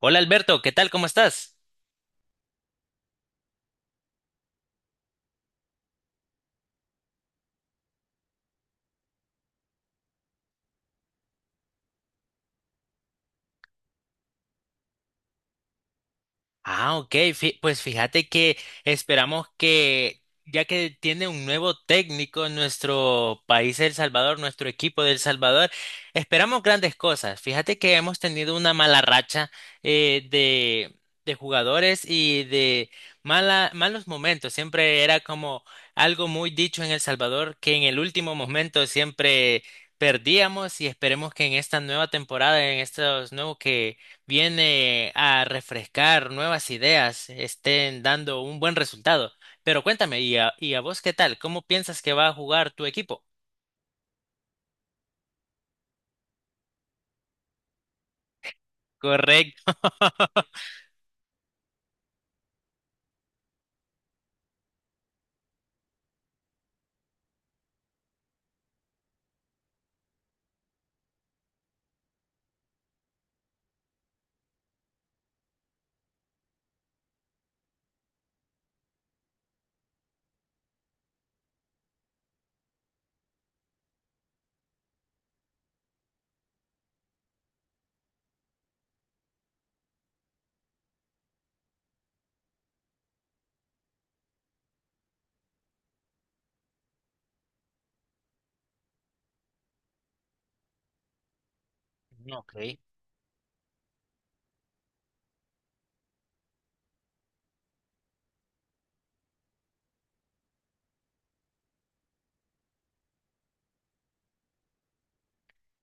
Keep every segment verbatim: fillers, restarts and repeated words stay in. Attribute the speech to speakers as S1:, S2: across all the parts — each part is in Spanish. S1: Hola Alberto, ¿qué tal? ¿Cómo estás? Ah, ok, fi- pues fíjate que esperamos que, ya que tiene un nuevo técnico en nuestro país, El Salvador, nuestro equipo de El Salvador, esperamos grandes cosas. Fíjate que hemos tenido una mala racha eh, de, de jugadores y de mala, malos momentos. Siempre era como algo muy dicho en El Salvador, que en el último momento siempre perdíamos, y esperemos que en esta nueva temporada, en estos nuevos que viene a refrescar nuevas ideas, estén dando un buen resultado. Pero cuéntame, ¿y a, y a vos qué tal? ¿Cómo piensas que va a jugar tu equipo? Correcto. Ok.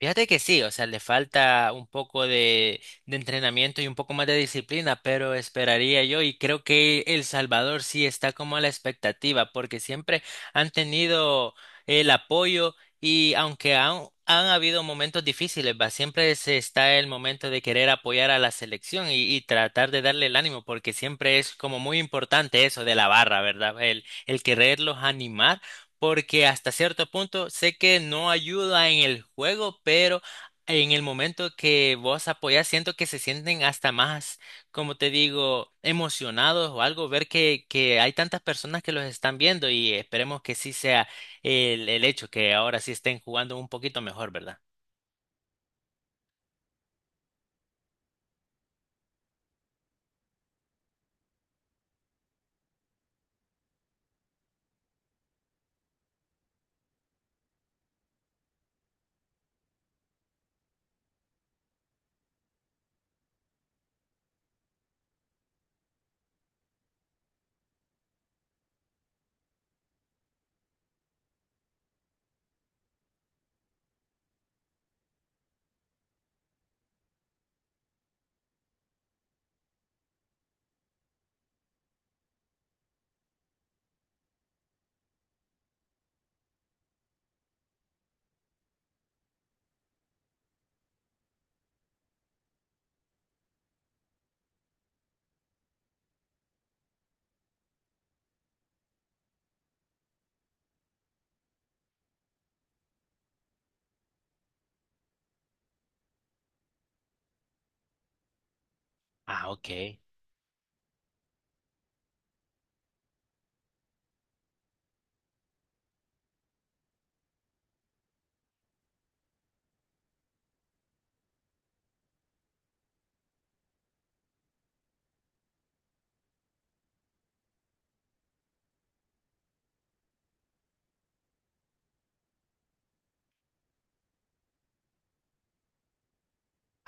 S1: Fíjate que sí, o sea, le falta un poco de, de entrenamiento y un poco más de disciplina, pero esperaría yo, y creo que El Salvador sí está como a la expectativa, porque siempre han tenido el apoyo. Y aunque han, han habido momentos difíciles, va, siempre se está el momento de querer apoyar a la selección y, y tratar de darle el ánimo, porque siempre es como muy importante eso de la barra, ¿verdad? El, el quererlos animar, porque hasta cierto punto sé que no ayuda en el juego, pero en el momento que vos apoyás, siento que se sienten hasta más, como te digo, emocionados o algo, ver que, que hay tantas personas que los están viendo. Y esperemos que sí sea el, el hecho, que ahora sí estén jugando un poquito mejor, ¿verdad? Ah, ok.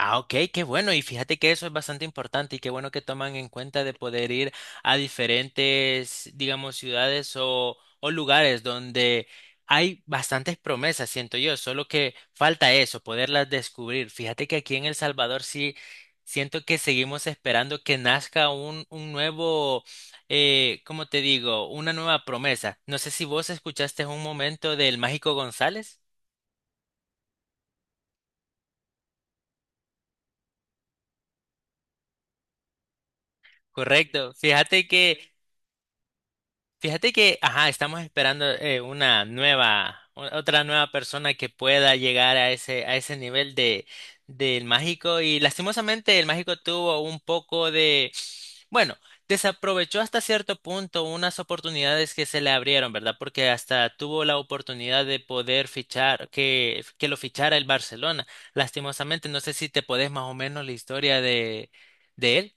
S1: Ah, ok, qué bueno. Y fíjate que eso es bastante importante, y qué bueno que toman en cuenta de poder ir a diferentes, digamos, ciudades o, o lugares donde hay bastantes promesas, siento yo, solo que falta eso, poderlas descubrir. Fíjate que aquí en El Salvador sí siento que seguimos esperando que nazca un, un nuevo, eh, ¿cómo te digo? Una nueva promesa. No sé si vos escuchaste un momento del Mágico González. Correcto. Fíjate que Fíjate que, ajá, estamos esperando eh, una nueva, o- otra nueva persona que pueda llegar a ese, a ese nivel de, del mágico. Y lastimosamente el mágico tuvo un poco de, bueno, desaprovechó hasta cierto punto unas oportunidades que se le abrieron, ¿verdad? Porque hasta tuvo la oportunidad de poder fichar, que, que lo fichara el Barcelona. Lastimosamente, no sé si te podés más o menos la historia de, de él.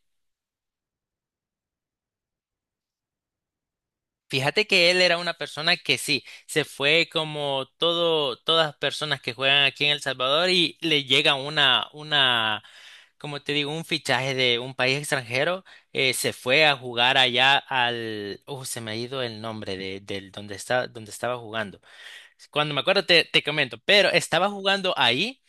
S1: Fíjate que él era una persona que sí, se fue como todo, todas las personas que juegan aquí en El Salvador, y le llega una, una, como te digo, un fichaje de un país extranjero, eh, se fue a jugar allá al, oh, se me ha ido el nombre de, del donde está, donde estaba jugando. Cuando me acuerdo te, te comento, pero estaba jugando ahí.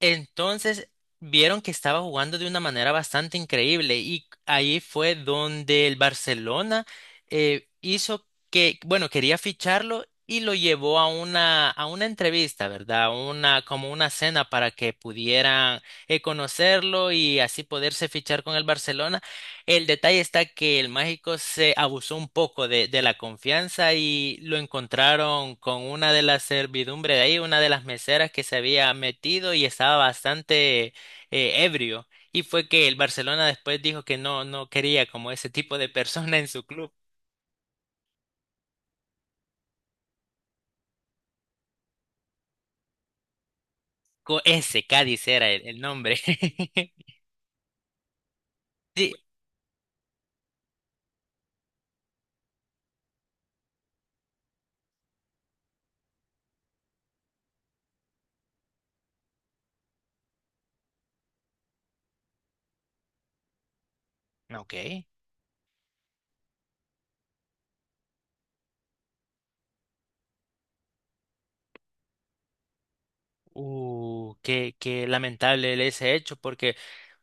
S1: Entonces vieron que estaba jugando de una manera bastante increíble, y ahí fue donde el Barcelona eh, hizo que, bueno, quería ficharlo y lo llevó a una, a una entrevista, ¿verdad? Una, como una cena para que pudieran eh, conocerlo y así poderse fichar con el Barcelona. El detalle está que el mágico se abusó un poco de, de la confianza, y lo encontraron con una de las servidumbre de ahí, una de las meseras que se había metido, y estaba bastante eh, ebrio. Y fue que el Barcelona después dijo que no, no quería como ese tipo de persona en su club. Co- ese Cádiz era el, el nombre. Sí, ok. Uh, qué, qué lamentable ese hecho, porque,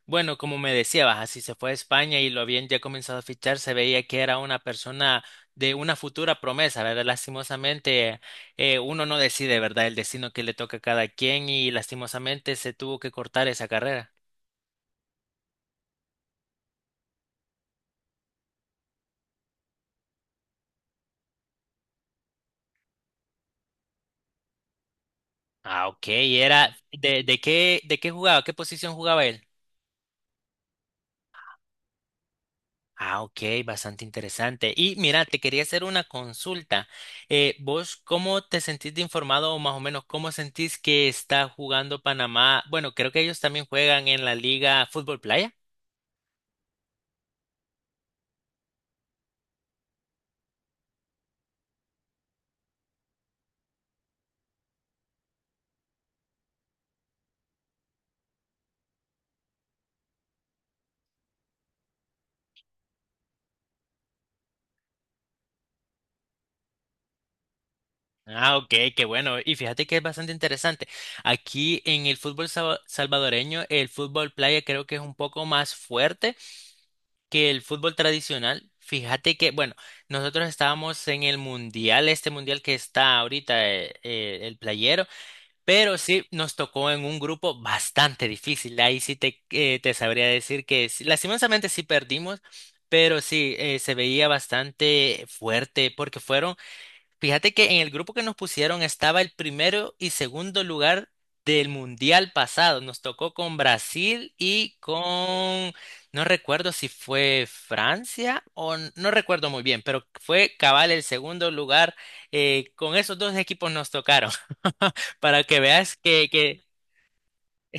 S1: bueno, como me decías, así se fue a España y lo habían ya comenzado a fichar, se veía que era una persona de una futura promesa, ¿verdad? Lastimosamente, eh, uno no decide, ¿verdad? El destino que le toca a cada quien, y lastimosamente se tuvo que cortar esa carrera. Ah, ok, y era, ¿de, de qué, de qué jugaba? ¿Qué posición jugaba él? Ah, ok, bastante interesante. Y mira, te quería hacer una consulta. Eh, ¿vos cómo te sentís de informado, o más o menos cómo sentís que está jugando Panamá? Bueno, creo que ellos también juegan en la Liga Fútbol Playa. Ah, ok, qué bueno. Y fíjate que es bastante interesante. Aquí en el fútbol sa- salvadoreño, el fútbol playa creo que es un poco más fuerte que el fútbol tradicional. Fíjate que, bueno, nosotros estábamos en el mundial, este mundial que está ahorita, eh, eh, el playero. Pero sí, nos tocó en un grupo bastante difícil. Ahí sí te, eh, te sabría decir que sí, lastimosamente sí perdimos, pero sí, eh, se veía bastante fuerte porque fueron. Fíjate que en el grupo que nos pusieron estaba el primero y segundo lugar del mundial pasado. Nos tocó con Brasil y con, no recuerdo si fue Francia o n- no recuerdo muy bien, pero fue cabal el segundo lugar. Eh, con esos dos equipos nos tocaron. Para que veas que,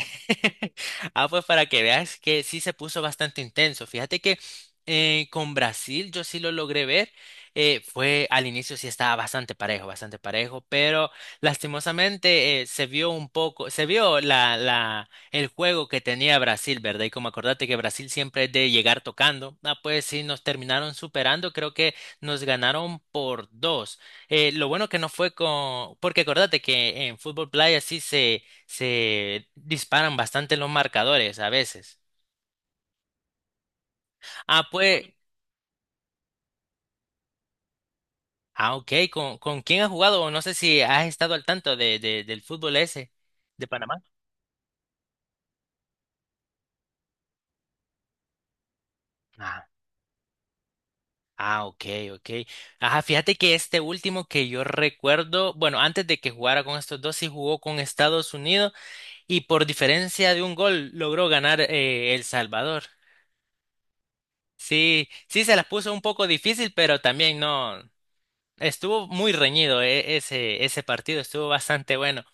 S1: ah, pues para que veas que sí se puso bastante intenso. Fíjate que eh, con Brasil yo sí lo logré ver. Eh, fue al inicio, sí estaba bastante parejo, bastante parejo, pero lastimosamente eh, se vio un poco, se vio la, la, el juego que tenía Brasil, ¿verdad? Y como acordate que Brasil siempre es de llegar tocando, ah, pues sí nos terminaron superando, creo que nos ganaron por dos. Eh, lo bueno que no fue con, porque acordate que en fútbol playa sí se se disparan bastante los marcadores a veces. Ah, pues, ah, ok, ¿con, con quién has jugado? O no sé si has estado al tanto de, de- del fútbol ese de Panamá. Ah, ah, ok, ok. Ajá, fíjate que este último que yo recuerdo, bueno, antes de que jugara con estos dos, sí jugó con Estados Unidos y por diferencia de un gol logró ganar, eh, El Salvador. Sí, sí se las puso un poco difícil, pero también no. Estuvo muy reñido, eh, ese, ese partido, estuvo bastante bueno.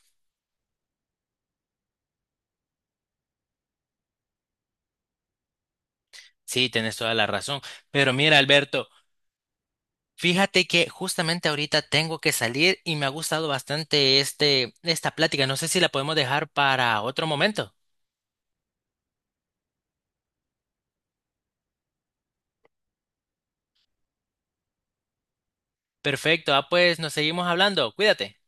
S1: Sí, tienes toda la razón. Pero mira, Alberto, fíjate que justamente ahorita tengo que salir y me ha gustado bastante este, esta plática. No sé si la podemos dejar para otro momento. Perfecto, ah, pues nos seguimos hablando. Cuídate.